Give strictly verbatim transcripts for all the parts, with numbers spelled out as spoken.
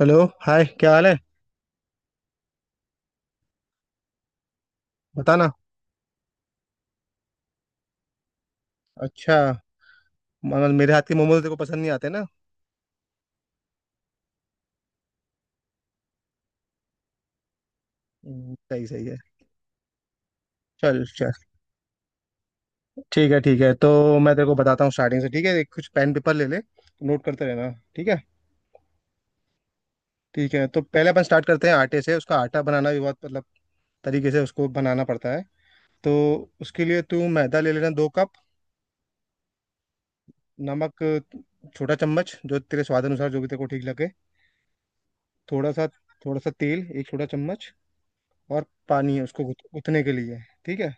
Hello hi, क्या हाल है। बताना। अच्छा। मतलब मेरे हाथ के मोमोज तेरे को पसंद नहीं आते ना। हम्म, सही सही है। चल चल, ठीक है। ठीक है तो मैं तेरे को बताता हूँ स्टार्टिंग से। ठीक है, एक कुछ पेन पेपर ले ले। नोट करते रहना। ठीक है। ठीक है तो पहले अपन स्टार्ट करते हैं आटे से। उसका आटा बनाना भी बहुत, मतलब तरीके से उसको बनाना पड़ता है। तो उसके लिए तू मैदा ले लेना, दो कप। नमक, छोटा चम्मच, जो तेरे स्वाद अनुसार जो भी तेरे को ठीक लगे। थोड़ा सा। थोड़ा सा तेल, एक छोटा चम्मच। और पानी है उसको गुथ- गुथने के लिए। ठीक है।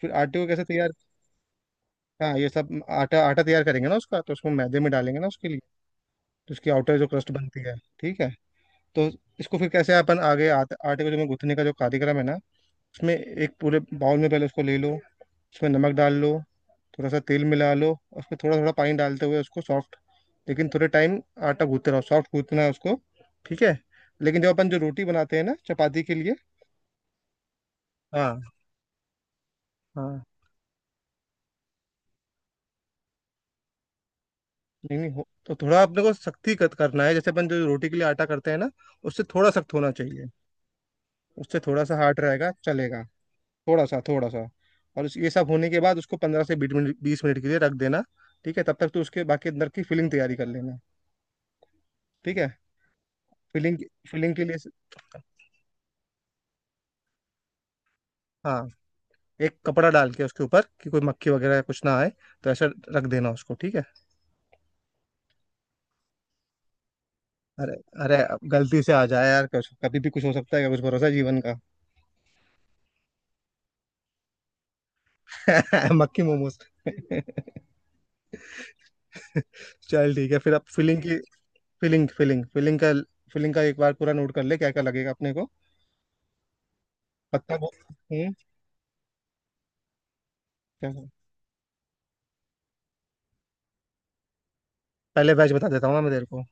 फिर आटे को कैसे तैयार, हाँ ये सब आटा आटा तैयार करेंगे ना उसका। तो उसको मैदे में डालेंगे ना, उसके लिए। तो उसकी आउटर जो क्रस्ट बनती है। ठीक है, तो इसको फिर कैसे अपन आगे आटे आटे को जो मैं गूंथने का जो कार्यक्रम है ना, उसमें एक पूरे बाउल में पहले उसको ले लो। उसमें नमक डाल लो। थोड़ा सा तेल मिला लो और उसमें थोड़ा थोड़ा पानी डालते हुए उसको सॉफ्ट, लेकिन थोड़े टाइम आटा गूंथते रहो। सॉफ्ट गूंथना है उसको। ठीक है। लेकिन जब अपन जो रोटी बनाते हैं ना चपाती के लिए, हाँ हाँ, नहीं नहीं हो तो थोड़ा अपने को सख्ती कत करना है, जैसे अपन जो रोटी के लिए आटा करते हैं ना उससे थोड़ा सख्त होना चाहिए। उससे थोड़ा सा हार्ड रहेगा, चलेगा। थोड़ा सा, थोड़ा सा। और इस- ये सब होने के बाद उसको पंद्रह से बीस मिनट, बीस मिनट के लिए रख देना। ठीक है, तब तक तो उसके बाकी अंदर की फिलिंग तैयारी कर लेना। ठीक है। फिलिंग, फिलिंग के लिए हाँ एक कपड़ा डाल के उसके ऊपर कि कोई मक्खी वगैरह कुछ ना आए। तो ऐसा रख देना उसको। ठीक है। अरे अरे, अब गलती से आ जाए यार, कुछ कभी भी कुछ हो सकता है, क्या कुछ भरोसा है जीवन का। मक्खी मोमोज। चल ठीक है, फिर अब फिलिंग की, फिलिंग फिलिंग फिलिंग का फिलिंग का एक बार पूरा नोट कर ले क्या क्या लगेगा अपने को। पत्ता गोभी। हम्म क्या क्या- पहले वेज बता देता हूँ ना मैं तेरे को।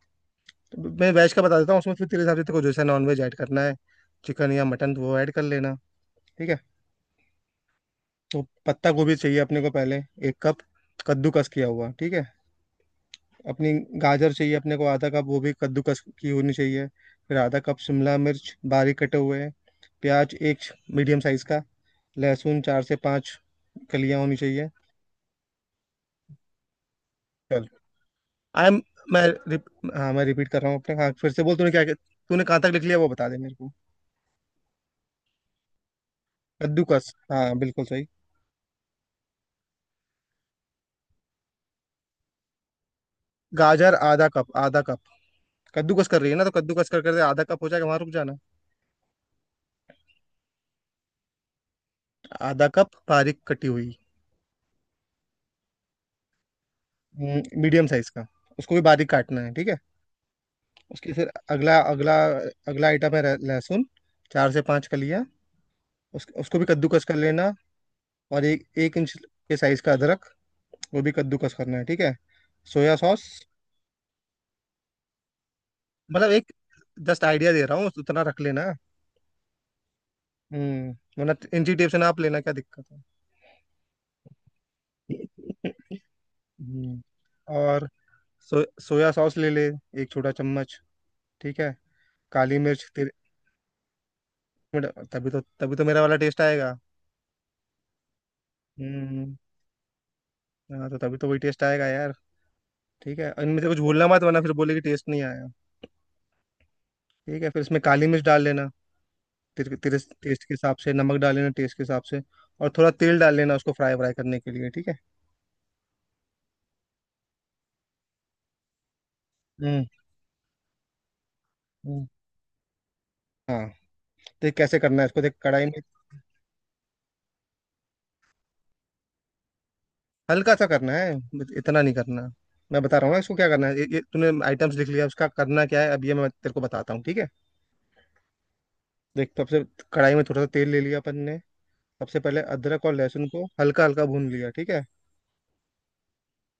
तो मैं वेज का बता देता हूँ, उसमें फिर तेरे हिसाब से तेरे को जैसा नॉन वेज ऐड करना है, चिकन या मटन, वो ऐड कर लेना। ठीक है। तो पत्ता गोभी चाहिए अपने को पहले, एक कप कद्दूकस किया हुआ। ठीक है। अपनी गाजर चाहिए अपने को आधा कप, वो भी कद्दूकस की होनी चाहिए। फिर आधा कप शिमला मिर्च बारीक कटे हुए। प्याज एक, मीडियम साइज का। लहसुन चार से पाँच कलियां होनी चाहिए। चल, आई एम मैं रिप, हाँ मैं रिपीट कर रहा हूँ अपने। हाँ फिर से बोल, तूने क्या, तूने कहाँ तक लिख लिया वो बता दे मेरे को। कद्दूकस, हाँ बिल्कुल सही। गाजर आधा कप, आधा कप कद्दूकस कर रही है ना, तो कद्दूकस कर कर दे, आधा कप हो जाएगा वहां रुक जाना। आधा कप बारीक कटी हुई। मीडियम साइज का, उसको भी बारीक काटना है। ठीक है। उसके फिर अगला अगला अगला आइटम है लह- लहसुन, चार से पाँच कलियां। उस, उसको भी कद्दूकस कर लेना। और एक एक इंच के साइज का अदरक, वो भी कद्दूकस करना है। ठीक है। सोया सॉस, मतलब एक जस्ट आइडिया दे रहा हूँ, उतना रख लेना। हम्म वरना इंची टेप से नाप लेना क्या दिक्कत है। हम्म, और सो, सोया सॉस ले ले, एक छोटा चम्मच। ठीक है। काली मिर्च तेरे, मतलब तभी तो, तभी तो मेरा वाला टेस्ट आएगा। हम्म हाँ तो तभी तो वही टेस्ट आएगा यार। ठीक है, इनमें से कुछ भूलना मत, वरना फिर बोले कि टेस्ट नहीं आया। ठीक है फिर इसमें काली मिर्च डाल लेना। तेरे तेरे टेस्ट के हिसाब से नमक डाल लेना, टेस्ट के हिसाब से। और थोड़ा तेल डाल लेना उसको फ्राई व्राई करने के लिए। ठीक है। हम्म। हम्म। हाँ, देख कैसे करना है इसको, देख कढ़ाई में हल्का सा करना है बस, इतना नहीं करना। मैं बता रहा हूँ ना इसको क्या करना है, ये, ये तूने आइटम्स लिख लिया, उसका करना क्या है अब ये मैं तेरे को बताता हूँ। ठीक है, देख सबसे, कढ़ाई में थोड़ा सा तेल ले लिया अपन ने। सबसे पहले अदरक और लहसुन को हल्का हल्का भून लिया। ठीक है।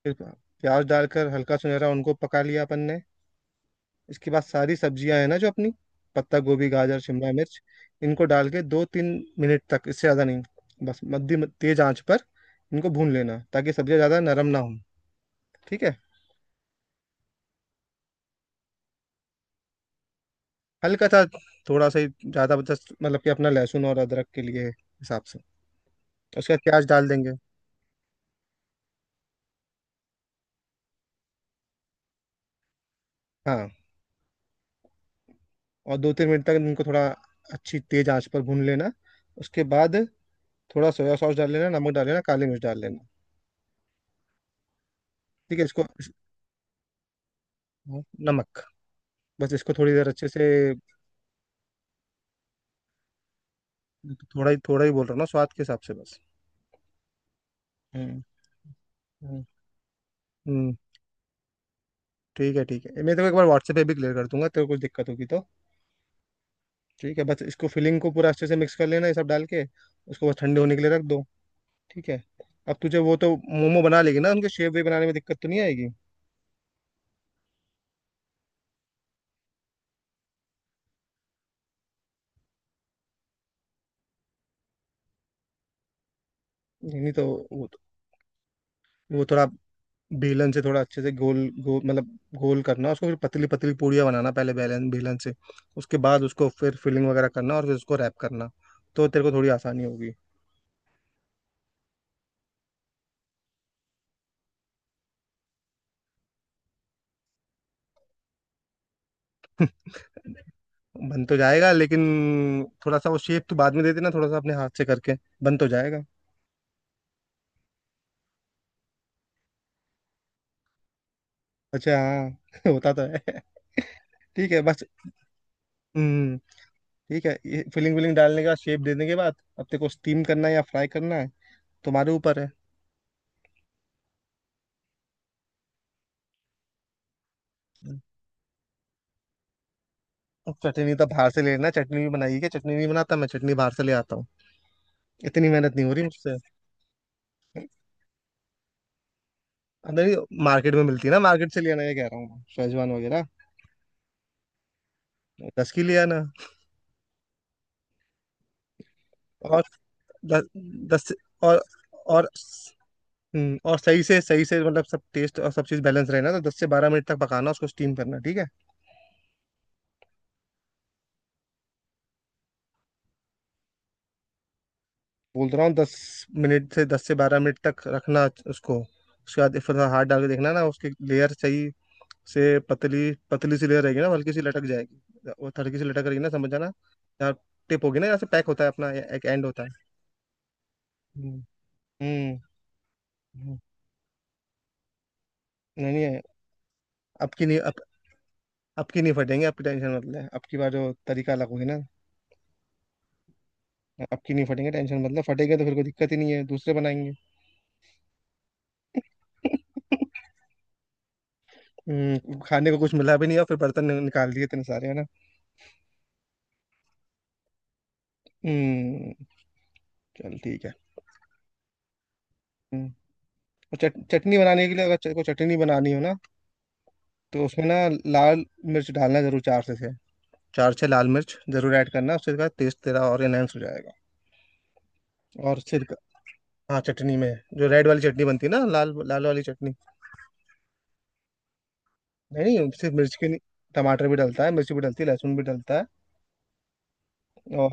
फिर प्याज डालकर हल्का सुनहरा उनको पका लिया अपन ने। इसके बाद सारी सब्जियां है ना जो अपनी, पत्ता गोभी, गाजर, शिमला मिर्च, इनको डाल के दो तीन मिनट तक, इससे ज़्यादा नहीं, बस मध्यम तेज आंच पर इनको भून लेना ताकि सब्जियां ज़्यादा नरम ना हो। ठीक है। हल्का सा, थोड़ा सा ही, ज़्यादा जस्ट मतलब कि अपना लहसुन और अदरक के लिए हिसाब से। उसके बाद प्याज डाल देंगे। हाँ, और दो तीन मिनट तक इनको थोड़ा अच्छी तेज आंच पर भून लेना। उसके बाद थोड़ा सोया सॉस डाल लेना, नमक डाल लेना, काली मिर्च डाल लेना। ठीक है इसको, नमक, बस इसको थोड़ी देर अच्छे से। थोड़ा ही, थोड़ा ही बोल रहा हूँ ना, स्वाद के हिसाब से बस। हम्म। हम्म। हम्म। ठीक है, ठीक है मैं तेरे को एक बार व्हाट्सएप पे भी क्लियर कर दूंगा, तेरे को कुछ दिक्कत होगी तो। ठीक है, बस इसको फिलिंग को पूरा अच्छे से मिक्स कर लेना ये सब डाल के। उसको बस ठंडे होने के लिए रख दो। ठीक है। अब तुझे वो तो मोमो बना लेगी ना, उनके शेप वे बनाने में दिक्कत तो नहीं आएगी। नहीं नहीं तो, वो तो, वो थोड़ा बेलन से थोड़ा अच्छे से गोल, गोल मतलब गोल करना उसको। फिर पतली पतली पूड़ियाँ बनाना, पहले बेलन बेलन से। उसके बाद उसको फिर फिलिंग वगैरह करना और फिर उसको रैप करना, तो तेरे को थोड़ी आसानी होगी। बन तो जाएगा लेकिन थोड़ा सा वो शेप तो बाद में दे देना थोड़ा सा अपने हाथ से करके। बन तो जाएगा। अच्छा हाँ होता तो है। ठीक है बस। हम्म ठीक है, ये फिलिंग विलिंग डालने के बाद, शेप देने के बाद, अब तेरे को स्टीम करना है या फ्राई करना है, तुम्हारे ऊपर है। अब चटनी तो बाहर से लेना है। चटनी भी बनाई है क्या? चटनी नहीं बनाता मैं, चटनी बाहर से ले आता हूँ। इतनी मेहनत नहीं हो रही मुझसे। अब नहीं, मार्केट में मिलती है ना, मार्केट से ले आना ये कह रहा हूँ मैं। शेजवान वगैरह। दस की ले आना। और दस, दस, और और हम्म और सही से, सही से मतलब सब टेस्ट और सब चीज़ बैलेंस रहे ना तो दस से बारह मिनट तक पकाना उसको, स्टीम करना। ठीक है। बोल रहा हूँ दस मिनट से, दस से बारह मिनट तक रखना उसको। उसके बाद फिर थोड़ा हाथ डाल के देखना ना, उसकी लेयर सही से पतली, पतली सी लेयर रहेगी ना, वो हल्की सी लटक जाएगी, वो हल्की सी लटक रही ना, समझ जाना। यहाँ टिप होगी ना, यहाँ से पैक होता है अपना, एक एंड होता है। हम्म। हम्म। हम्म। नहीं नहीं, अब की नहीं, अब अब की नहीं फटेंगे, आपकी टेंशन मत ले, अब की बार जो तरीका अलग होगी ना। अब की नहीं फटेंगे, टेंशन मतलब फटेंगे तो फिर कोई दिक्कत ही नहीं है, दूसरे बनाएंगे। हम्म खाने को कुछ मिला भी नहीं और फिर बर्तन नि- निकाल दिए इतने सारे है ना। हम्म। चल ठीक है। हम्म और चट, चटनी बनाने के लिए अगर च- कोई चटनी बनानी हो ना, तो उसमें ना लाल मिर्च डालना जरूर, चार से छः, चार छः लाल मिर्च जरूर ऐड करना, उससे का टेस्ट तेरा और एनहेंस हो जाएगा। और सिर्फ, हाँ चटनी में, जो रेड वाली चटनी बनती है ना, लाल लाल वाली चटनी। नहीं नहीं, सिर्फ मिर्च के नहीं, टमाटर भी डलता है, मिर्च भी डलती है, लहसुन भी डलता है। और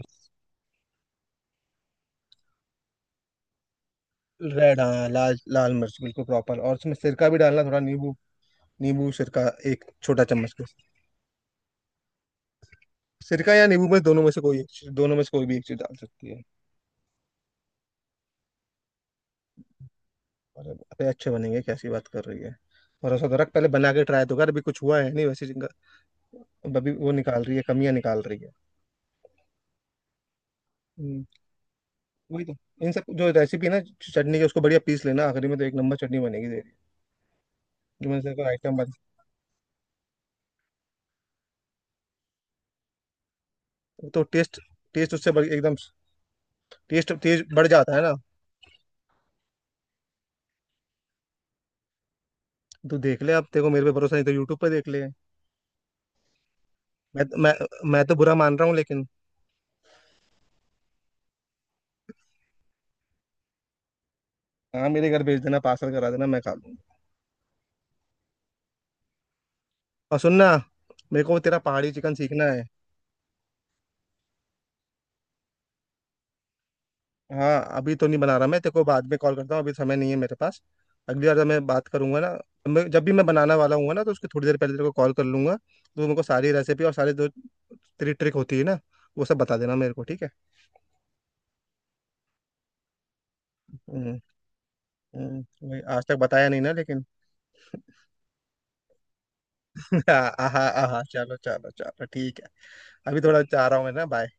रेड, हाँ लाल लाल मिर्च बिल्कुल प्रॉपर। और उसमें सिरका भी डालना थोड़ा, नींबू, नींबू सिरका एक छोटा चम्मच के। सिरका या नींबू में, दोनों में से कोई एक चीज, दोनों में से कोई भी एक चीज डाल सकती है। अरे अबे अच्छे बनेंगे, कैसी बात कर रही है। भरोसा तो रख, पहले बना के ट्राई तो कर, अभी कुछ हुआ है नहीं वैसे जिनका। अब अभी वो निकाल रही है, कमियां निकाल रही है। हम्म, वही तो, इन सब जो रेसिपी ना चटनी की उसको बढ़िया पीस लेना आखिरी में, तो एक नंबर चटनी बनेगी तेरी। जो मैंने तेरे को आइटम बता, तो टेस्ट, टेस्ट उससे बढ़- एकदम टेस्ट तेज बढ़ जाता है ना। तू देख ले, अब तेरे को मेरे पे भरोसा नहीं तो यूट्यूब पे देख ले। मैं मैं मैं तो बुरा मान रहा हूँ लेकिन। हाँ मेरे घर भेज देना, पार्सल करा देना, मैं खा लूंगा। और सुनना, मेरे को तेरा पहाड़ी चिकन सीखना है। हाँ अभी तो नहीं बना रहा, मैं तेरे को बाद में कॉल करता हूँ, अभी समय नहीं है मेरे पास। अगली बार जब मैं बात करूंगा ना, मैं जब भी मैं बनाने वाला हूँ ना तो उसकी थोड़ी देर पहले तेरे को कॉल कर लूंगा, तो मेरे को सारी रेसिपी और सारी जो तेरी ट्रिक होती है ना वो सब बता देना मेरे को। ठीक है। हम्म। हम्म, वही, आज तक बताया नहीं ना लेकिन। आहा आहा, चलो चलो चलो ठीक है। अभी थोड़ा चाह रहा हूँ मैं ना, बाय।